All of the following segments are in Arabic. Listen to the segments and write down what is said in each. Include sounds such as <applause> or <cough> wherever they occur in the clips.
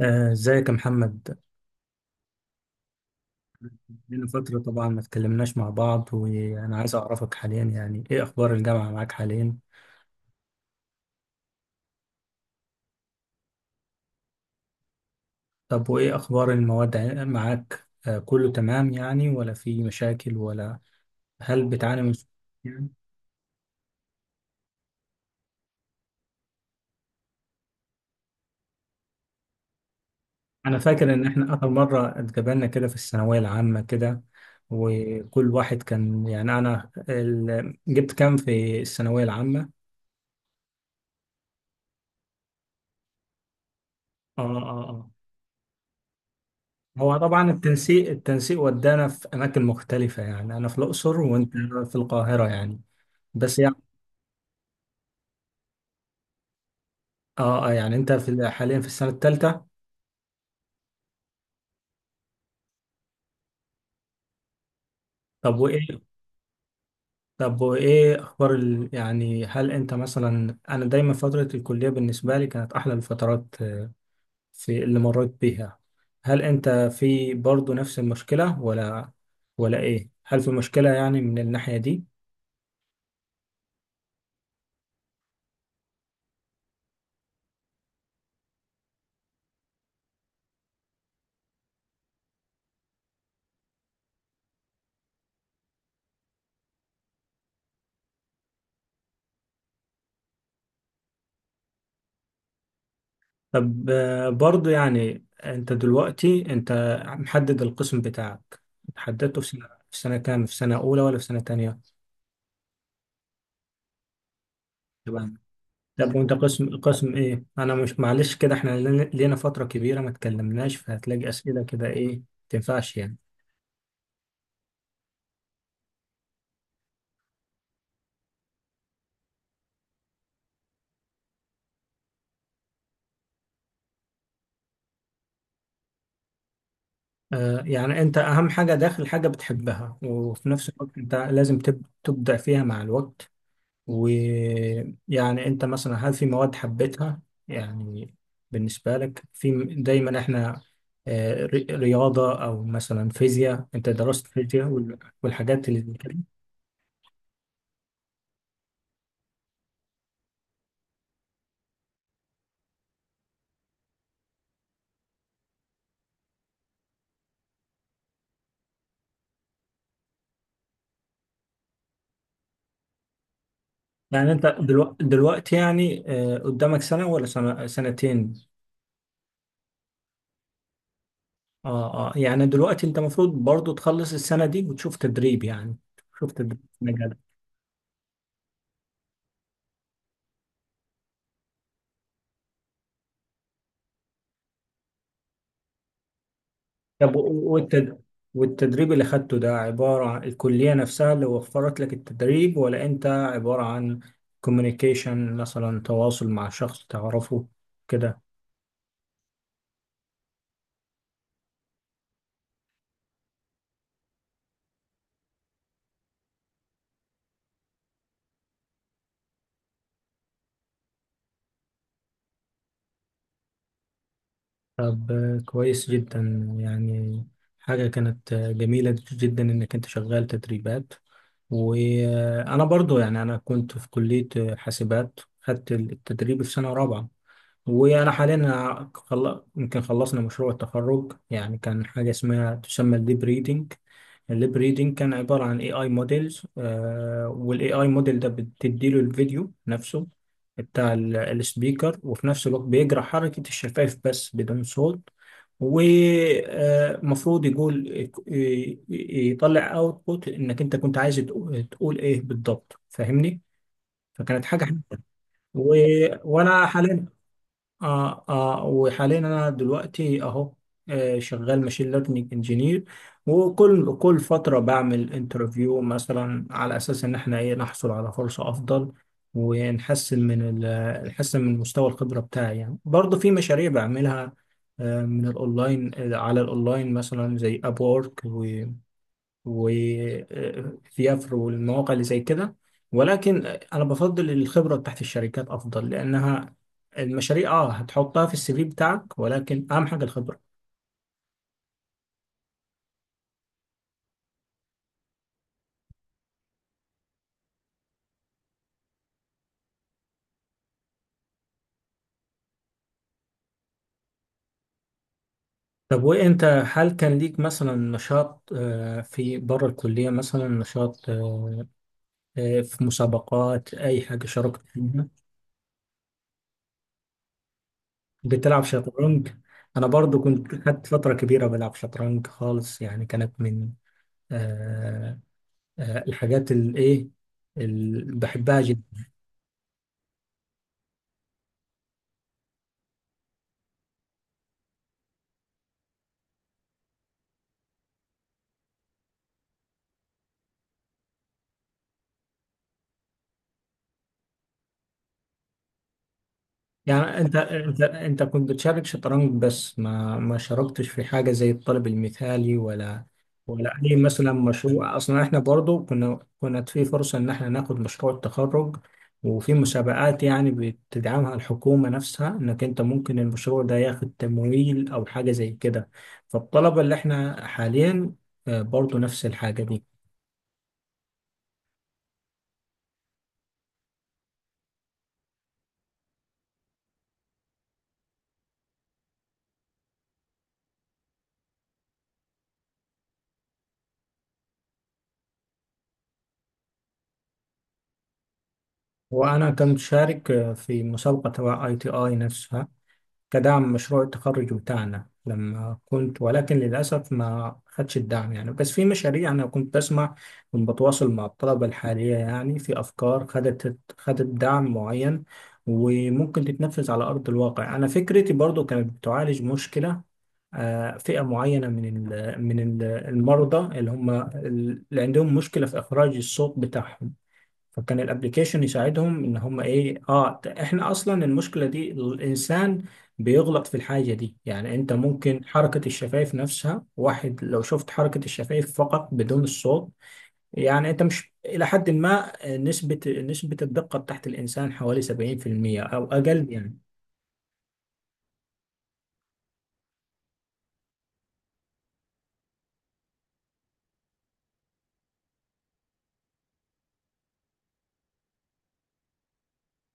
آه، ازيك يا محمد؟ لنا فترة طبعا ما اتكلمناش مع بعض، وانا عايز اعرفك حاليا، يعني ايه اخبار الجامعة معاك حاليا؟ طب وايه اخبار المواد معاك، كله تمام يعني، ولا في مشاكل ولا؟ هل بتعاني من صعوبات يعني؟ انا فاكر ان احنا اخر مرة اتقابلنا كده في الثانوية العامة، كده وكل واحد كان يعني، انا جبت كام في الثانوية العامة. اه، اه. هو طبعا التنسيق ودانا في اماكن مختلفه، يعني انا في الاقصر وانت في القاهره يعني، بس يعني. اه، يعني انت في حاليا في السنه الثالثه. طب وايه طب وايه اخبار يعني هل انت مثلا، انا دايما فتره الكليه بالنسبه لي كانت احلى الفترات، في اللي مريت بيها. هل انت في برضو نفس المشكله، ولا ايه؟ هل في مشكله يعني من الناحيه دي؟ طب، برضو يعني انت دلوقتي، انت محدد القسم بتاعك، حددته في سنة كام؟ في سنة أولى ولا في سنة تانية؟ تمام. طب وانت قسم ايه؟ انا مش، معلش، كده احنا لينا فترة كبيرة ما اتكلمناش، فهتلاقي أسئلة كده ايه ما تنفعش يعني. يعني انت اهم حاجة داخل حاجة بتحبها، وفي نفس الوقت انت لازم تبدع فيها مع الوقت. ويعني انت مثلا هل في مواد حبيتها يعني؟ بالنسبة لك في دايما احنا رياضة او مثلا فيزياء، انت درست فيزياء والحاجات اللي زي كده. يعني انت دلوقتي يعني، قدامك سنة ولا سنة سنتين؟ اه، اه، يعني دلوقتي انت المفروض برضو تخلص السنة دي وتشوف تدريب، يعني تشوف تدريب. طب والتدريب اللي خدته ده عبارة عن الكلية نفسها اللي وفرت لك التدريب، ولا أنت عبارة عن كوميونيكيشن مثلا، تواصل مع شخص تعرفه كده؟ طب، كويس جدا يعني. حاجة كانت جميلة جدا إنك أنت شغال تدريبات. وأنا برضو يعني، أنا كنت في كلية حاسبات، خدت التدريب في سنة رابعة. وانا حاليا يمكن خلصنا مشروع التخرج، يعني كان حاجه اسمها تسمى الليب ريدنج. الليب ريدنج كان عباره عن AI موديلز، والاي اي موديل ده بتديله الفيديو نفسه بتاع السبيكر، وفي نفس الوقت بيقرا حركه الشفايف بس بدون صوت. ومفروض يقول يطلع اوتبوت انك انت كنت عايز تقول ايه بالضبط، فاهمني. فكانت حاجه حلوة. و... وانا حاليا، وحاليا انا دلوقتي اهو، شغال ماشين ليرنينج انجينير. وكل فتره بعمل انترفيو مثلا، على اساس ان احنا ايه، نحصل على فرصه افضل ونحسن من ال- نحسن من مستوى الخبره بتاعي. يعني برضه في مشاريع بعملها آه من الاونلاين آه على الاونلاين، مثلا زي اب وورك وفيافر والمواقع اللي زي كده. ولكن انا بفضل الخبره بتاعت الشركات افضل، لانها المشاريع هتحطها في الـ CV بتاعك، ولكن اهم حاجه الخبره. طب وانت هل كان ليك مثلا نشاط، في بره الكليه، مثلا نشاط في مسابقات، اي حاجه شاركت فيها؟ بتلعب شطرنج؟ انا برضو كنت خدت فتره كبيره بلعب شطرنج خالص، يعني كانت من آه، الحاجات الايه اللي بحبها جدا. يعني انت كنت بتشارك شطرنج، بس ما شاركتش في حاجه زي الطالب المثالي، ولا اي مثلا مشروع؟ اصلا احنا برضو كنا، كانت في فرصه ان احنا ناخد مشروع التخرج، وفي مسابقات يعني بتدعمها الحكومه نفسها، انك انت ممكن المشروع ده ياخد تمويل او حاجه زي كده. فالطلبه اللي احنا حاليا برضو نفس الحاجه دي. وأنا كنت شارك في مسابقة تبع ITI نفسها، كدعم مشروع التخرج بتاعنا لما كنت، ولكن للأسف ما خدش الدعم يعني. بس في مشاريع أنا كنت بسمع، كنت بتواصل مع الطلبة الحالية، يعني في أفكار خدت دعم معين وممكن تتنفذ على أرض الواقع. أنا فكرتي برضو كانت بتعالج مشكلة فئة معينة من المرضى، اللي عندهم مشكلة في إخراج الصوت بتاعهم. فكان الابليكيشن يساعدهم ان هم ايه، احنا اصلا المشكله دي، الانسان بيغلط في الحاجه دي. يعني انت ممكن حركه الشفايف نفسها، واحد لو شفت حركه الشفايف فقط بدون الصوت، يعني انت مش الى حد ما، نسبه الدقه بتاعت الانسان حوالي 70%، او اقل يعني.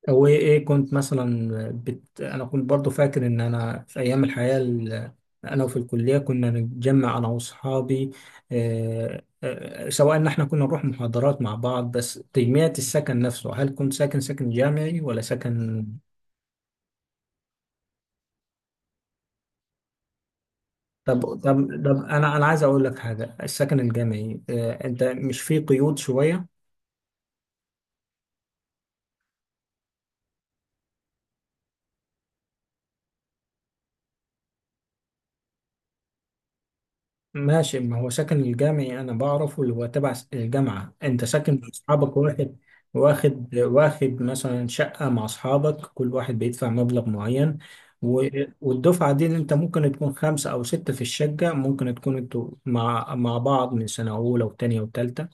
هو ايه كنت مثلا انا كنت برضو فاكر ان انا في ايام الحياة انا وفي الكلية كنا نتجمع انا واصحابي، سواء ان احنا كنا نروح محاضرات مع بعض، بس تجميع السكن نفسه، هل كنت ساكن سكن جامعي ولا سكن <laughs> طب طب طب انا عايز اقول لك حاجة، السكن الجامعي انت مش فيه قيود شوية؟ ماشي، ما هو سكن الجامعي أنا بعرفه، اللي هو تبع الجامعة، أنت ساكن مع أصحابك، واحد واخد مثلا شقة مع أصحابك، كل واحد بيدفع مبلغ معين و- والدفعة دي اللي أنت ممكن تكون خمسة أو ستة في الشقة، ممكن تكون أنتوا مع بعض من سنة أولى وتانية وتالتة.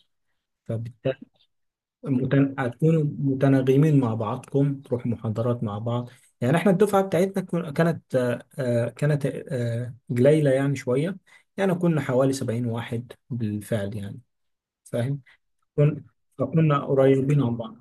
هتكونوا متناغمين مع بعضكم، تروحوا محاضرات مع بعض، يعني احنا الدفعة بتاعتنا كن- كانت آه، آه، كانت آه، قليلة يعني شوية، يعني كنا حوالي 70 واحد بالفعل يعني فاهم. كن... فكنا قريبين عن بعض.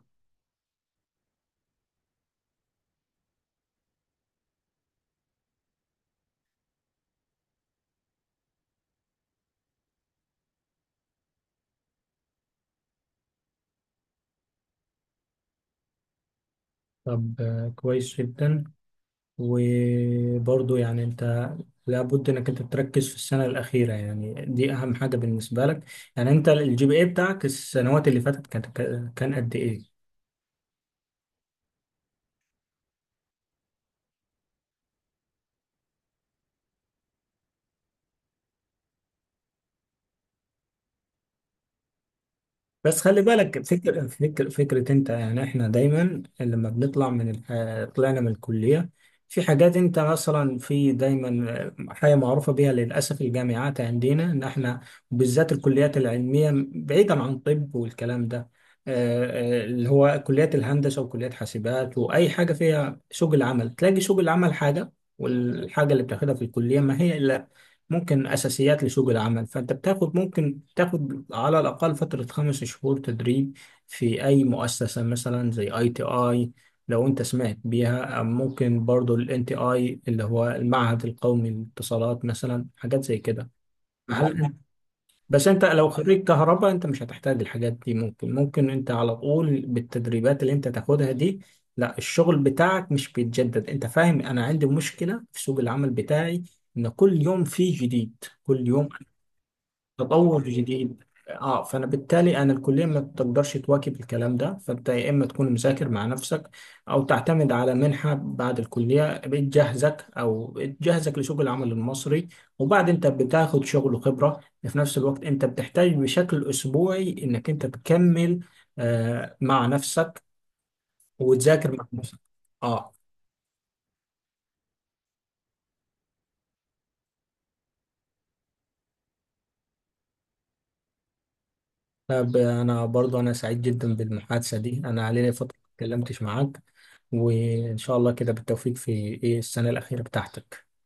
طب، كويس جدا، وبرضو يعني انت لابد انك انت تركز في السنة الأخيرة، يعني دي أهم حاجة بالنسبة لك. يعني انت الـ GPA بتاعك السنوات اللي فاتت كان قد ايه؟ بس خلي بالك، فكرة انت يعني احنا دايما لما بنطلع من طلعنا من الكلية، في حاجات انت مثلا، في دايما حاجة معروفة بيها للأسف، الجامعات عندنا ان احنا بالذات الكليات العلمية، بعيدا عن طب والكلام ده، اللي هو كليات الهندسة وكليات حاسبات وأي حاجة فيها سوق العمل، تلاقي سوق العمل حاجة والحاجة اللي بتاخدها في الكلية ما هي إلا ممكن أساسيات لسوق العمل. فأنت بتاخد، ممكن تاخد على الأقل فترة خمس شهور تدريب في أي مؤسسة، مثلا زي أي تي آي لو أنت سمعت بيها، أو ممكن برضو ال NTI اللي هو المعهد القومي للاتصالات، مثلا حاجات زي كده. هل بس انت لو خريج كهرباء انت مش هتحتاج الحاجات دي، ممكن انت على طول بالتدريبات اللي انت تاخدها دي. لا، الشغل بتاعك مش بيتجدد، انت فاهم. انا عندي مشكلة في سوق العمل بتاعي ان كل يوم فيه جديد، كل يوم تطور جديد. اه، فانا بالتالي انا الكليه ما تقدرش تواكب الكلام ده، فانت يا اما تكون مذاكر مع نفسك، او تعتمد على منحه بعد الكليه بتجهزك، او بتجهزك لسوق العمل المصري، وبعد انت بتاخد شغل وخبره، في نفس الوقت انت بتحتاج بشكل اسبوعي انك انت تكمل مع نفسك، وتذاكر مع نفسك. اه، لا، أنا برضو أنا سعيد جدا بالمحادثة دي، أنا علينا فترة ما اتكلمتش معاك، وإن شاء الله كده بالتوفيق في إيه السنة الأخيرة بتاعتك.